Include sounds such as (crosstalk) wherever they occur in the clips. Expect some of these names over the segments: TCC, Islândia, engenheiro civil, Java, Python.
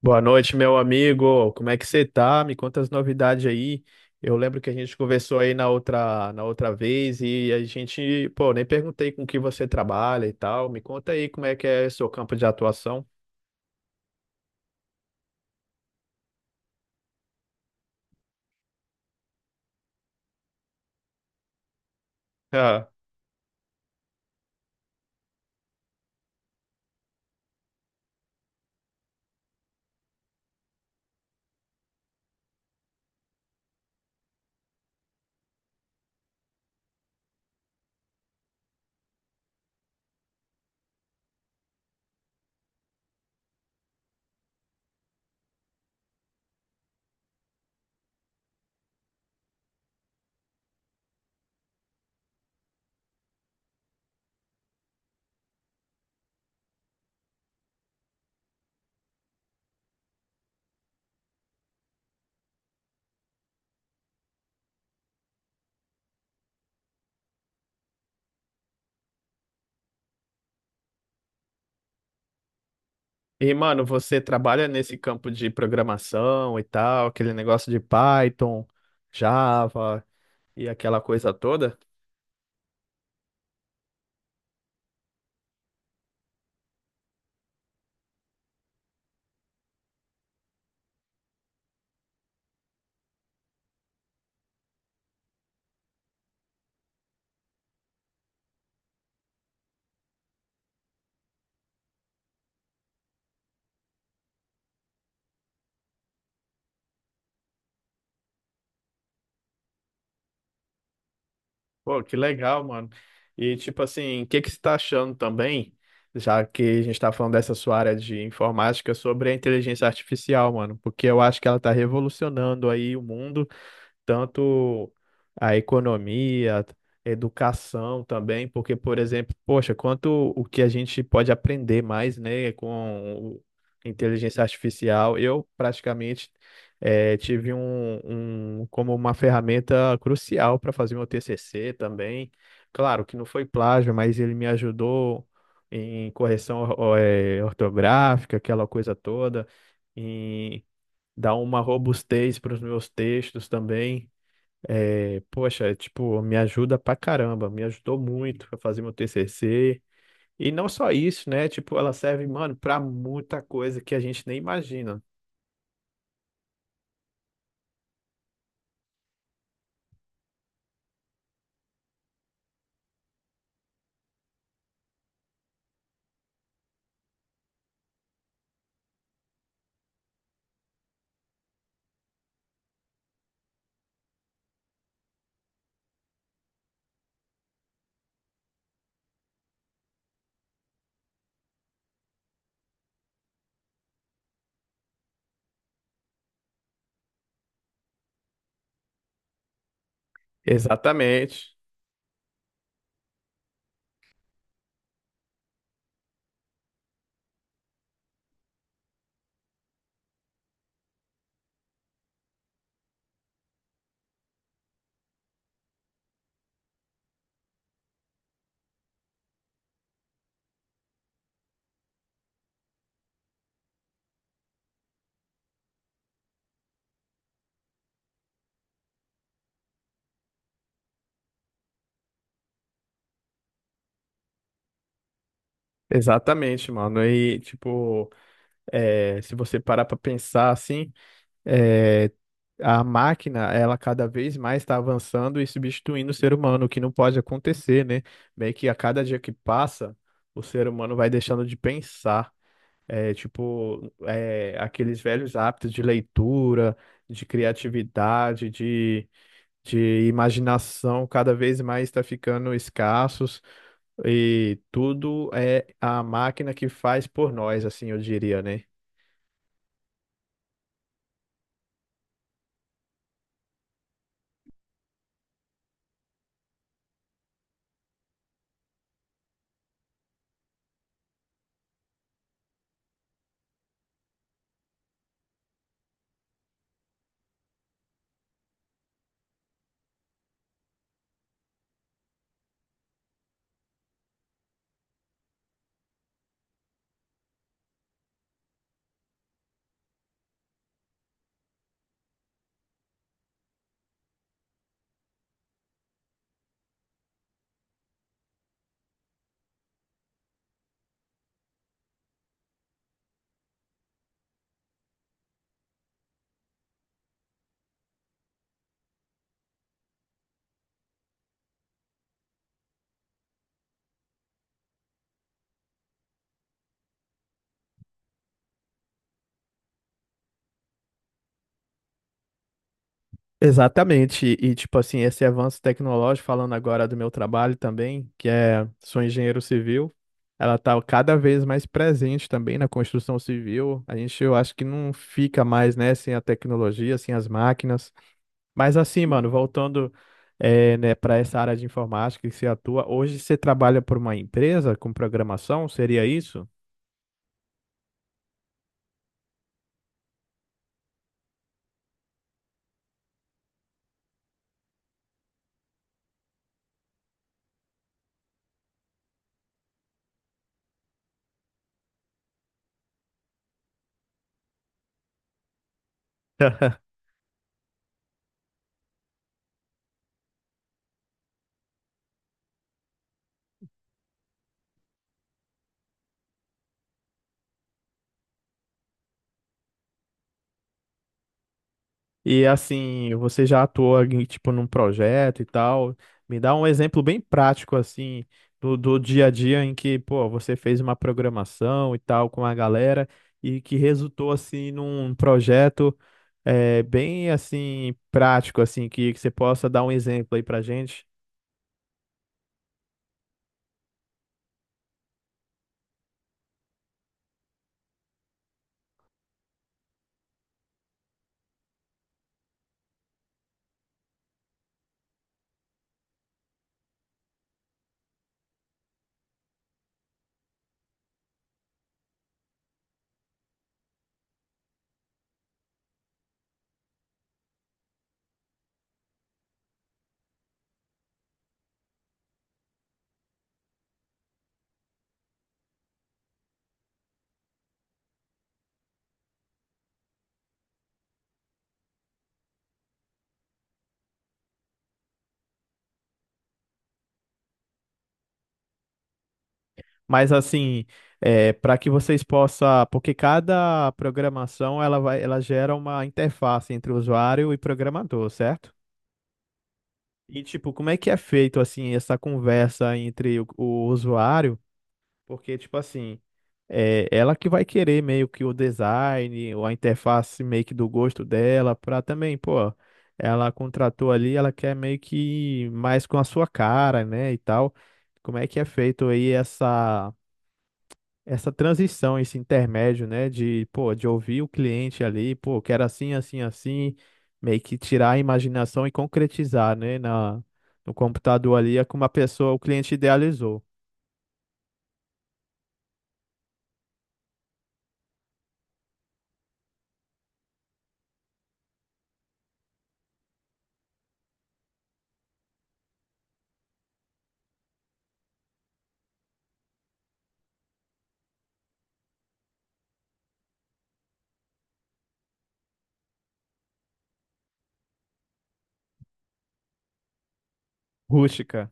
Boa noite, meu amigo. Como é que você tá? Me conta as novidades aí. Eu lembro que a gente conversou aí na outra vez e a gente, pô, nem perguntei com que você trabalha e tal. Me conta aí como é que é seu campo de atuação. Ah. E, mano, você trabalha nesse campo de programação e tal, aquele negócio de Python, Java e aquela coisa toda? Pô, que legal, mano. E tipo assim, o que que você está achando também, já que a gente está falando dessa sua área de informática, sobre a inteligência artificial, mano? Porque eu acho que ela está revolucionando aí o mundo, tanto a economia, a educação também, porque, por exemplo, poxa, quanto o que a gente pode aprender mais, né, inteligência artificial. Eu praticamente tive um como uma ferramenta crucial para fazer meu TCC também. Claro que não foi plágio, mas ele me ajudou em correção ortográfica, aquela coisa toda, em dar uma robustez para os meus textos também. E, poxa, é, tipo, me ajuda pra caramba, me ajudou muito pra fazer meu TCC. E não só isso, né? Tipo, ela serve, mano, pra muita coisa que a gente nem imagina. Exatamente. Exatamente, mano. E, tipo, é, se você parar pra pensar assim, é, a máquina, ela cada vez mais está avançando e substituindo o ser humano, o que não pode acontecer, né? Meio que a cada dia que passa, o ser humano vai deixando de pensar. É, tipo, é, aqueles velhos hábitos de leitura, de criatividade, de imaginação, cada vez mais está ficando escassos, e tudo é a máquina que faz por nós, assim, eu diria, né? Exatamente, e tipo assim, esse avanço tecnológico, falando agora do meu trabalho também, que é, sou engenheiro civil, ela está cada vez mais presente também na construção civil. A gente, eu acho que não fica mais, né, sem a tecnologia, sem as máquinas. Mas assim, mano, voltando, é, né, para essa área de informática que você atua, hoje você trabalha por uma empresa com programação, seria isso? (laughs) E assim, você já atuou em, tipo, num projeto e tal? Me dá um exemplo bem prático assim do dia a dia em que, pô, você fez uma programação e tal com a galera e que resultou assim num projeto, é, bem assim prático assim que você possa dar um exemplo aí pra gente. Mas assim, é, para que vocês possam, porque cada programação, ela gera uma interface entre o usuário e programador, certo? E, tipo, como é que é feito, assim, essa conversa entre o usuário? Porque, tipo assim, é ela que vai querer meio que o design ou a interface meio que do gosto dela, pra também, pô, ela contratou ali, ela quer meio que mais com a sua cara, né, e tal. Como é que é feito aí essa transição, esse intermédio, né, de, pô, de ouvir o cliente ali, pô, quero assim, assim, assim, meio que tirar a imaginação e concretizar, né, no computador ali, é como a pessoa, o cliente idealizou. Rústica.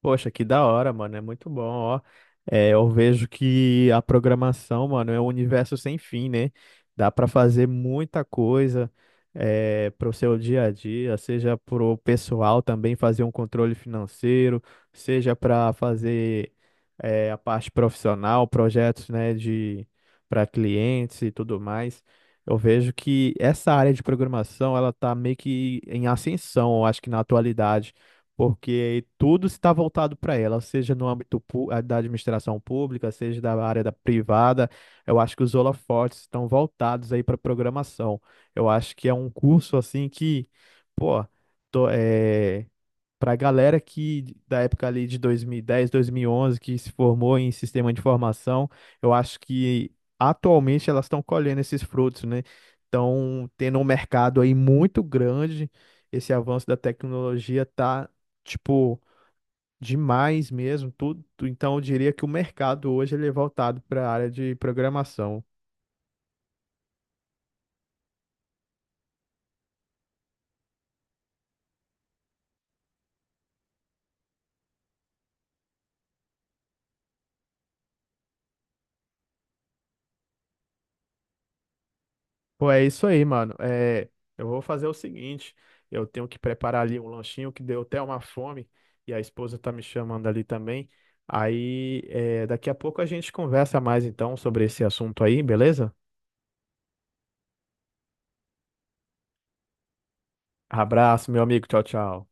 Poxa, que da hora, mano. É muito bom, ó. É, eu vejo que a programação, mano, é um universo sem fim, né? Dá pra fazer muita coisa, é, para o seu dia a dia, seja pro pessoal também fazer um controle financeiro, seja para fazer, é, a parte profissional, projetos, né, de, para clientes e tudo mais. Eu vejo que essa área de programação, ela tá meio que em ascensão, eu acho que na atualidade, porque tudo está voltado para ela, seja no âmbito da administração pública, seja da área da privada. Eu acho que os holofotes estão voltados aí para programação. Eu acho que é um curso assim que, pô, para a galera que da época ali de 2010, onze, que se formou em sistema de informação, eu acho que atualmente elas estão colhendo esses frutos, né? Estão tendo um mercado aí muito grande. Esse avanço da tecnologia tá, tipo, demais mesmo, tudo. Então eu diria que o mercado hoje ele é voltado para a área de programação. Pô, é isso aí, mano. É, eu vou fazer o seguinte, eu tenho que preparar ali um lanchinho que deu até uma fome, e a esposa tá me chamando ali também. Aí, é, daqui a pouco a gente conversa mais então sobre esse assunto aí, beleza? Abraço, meu amigo. Tchau, tchau.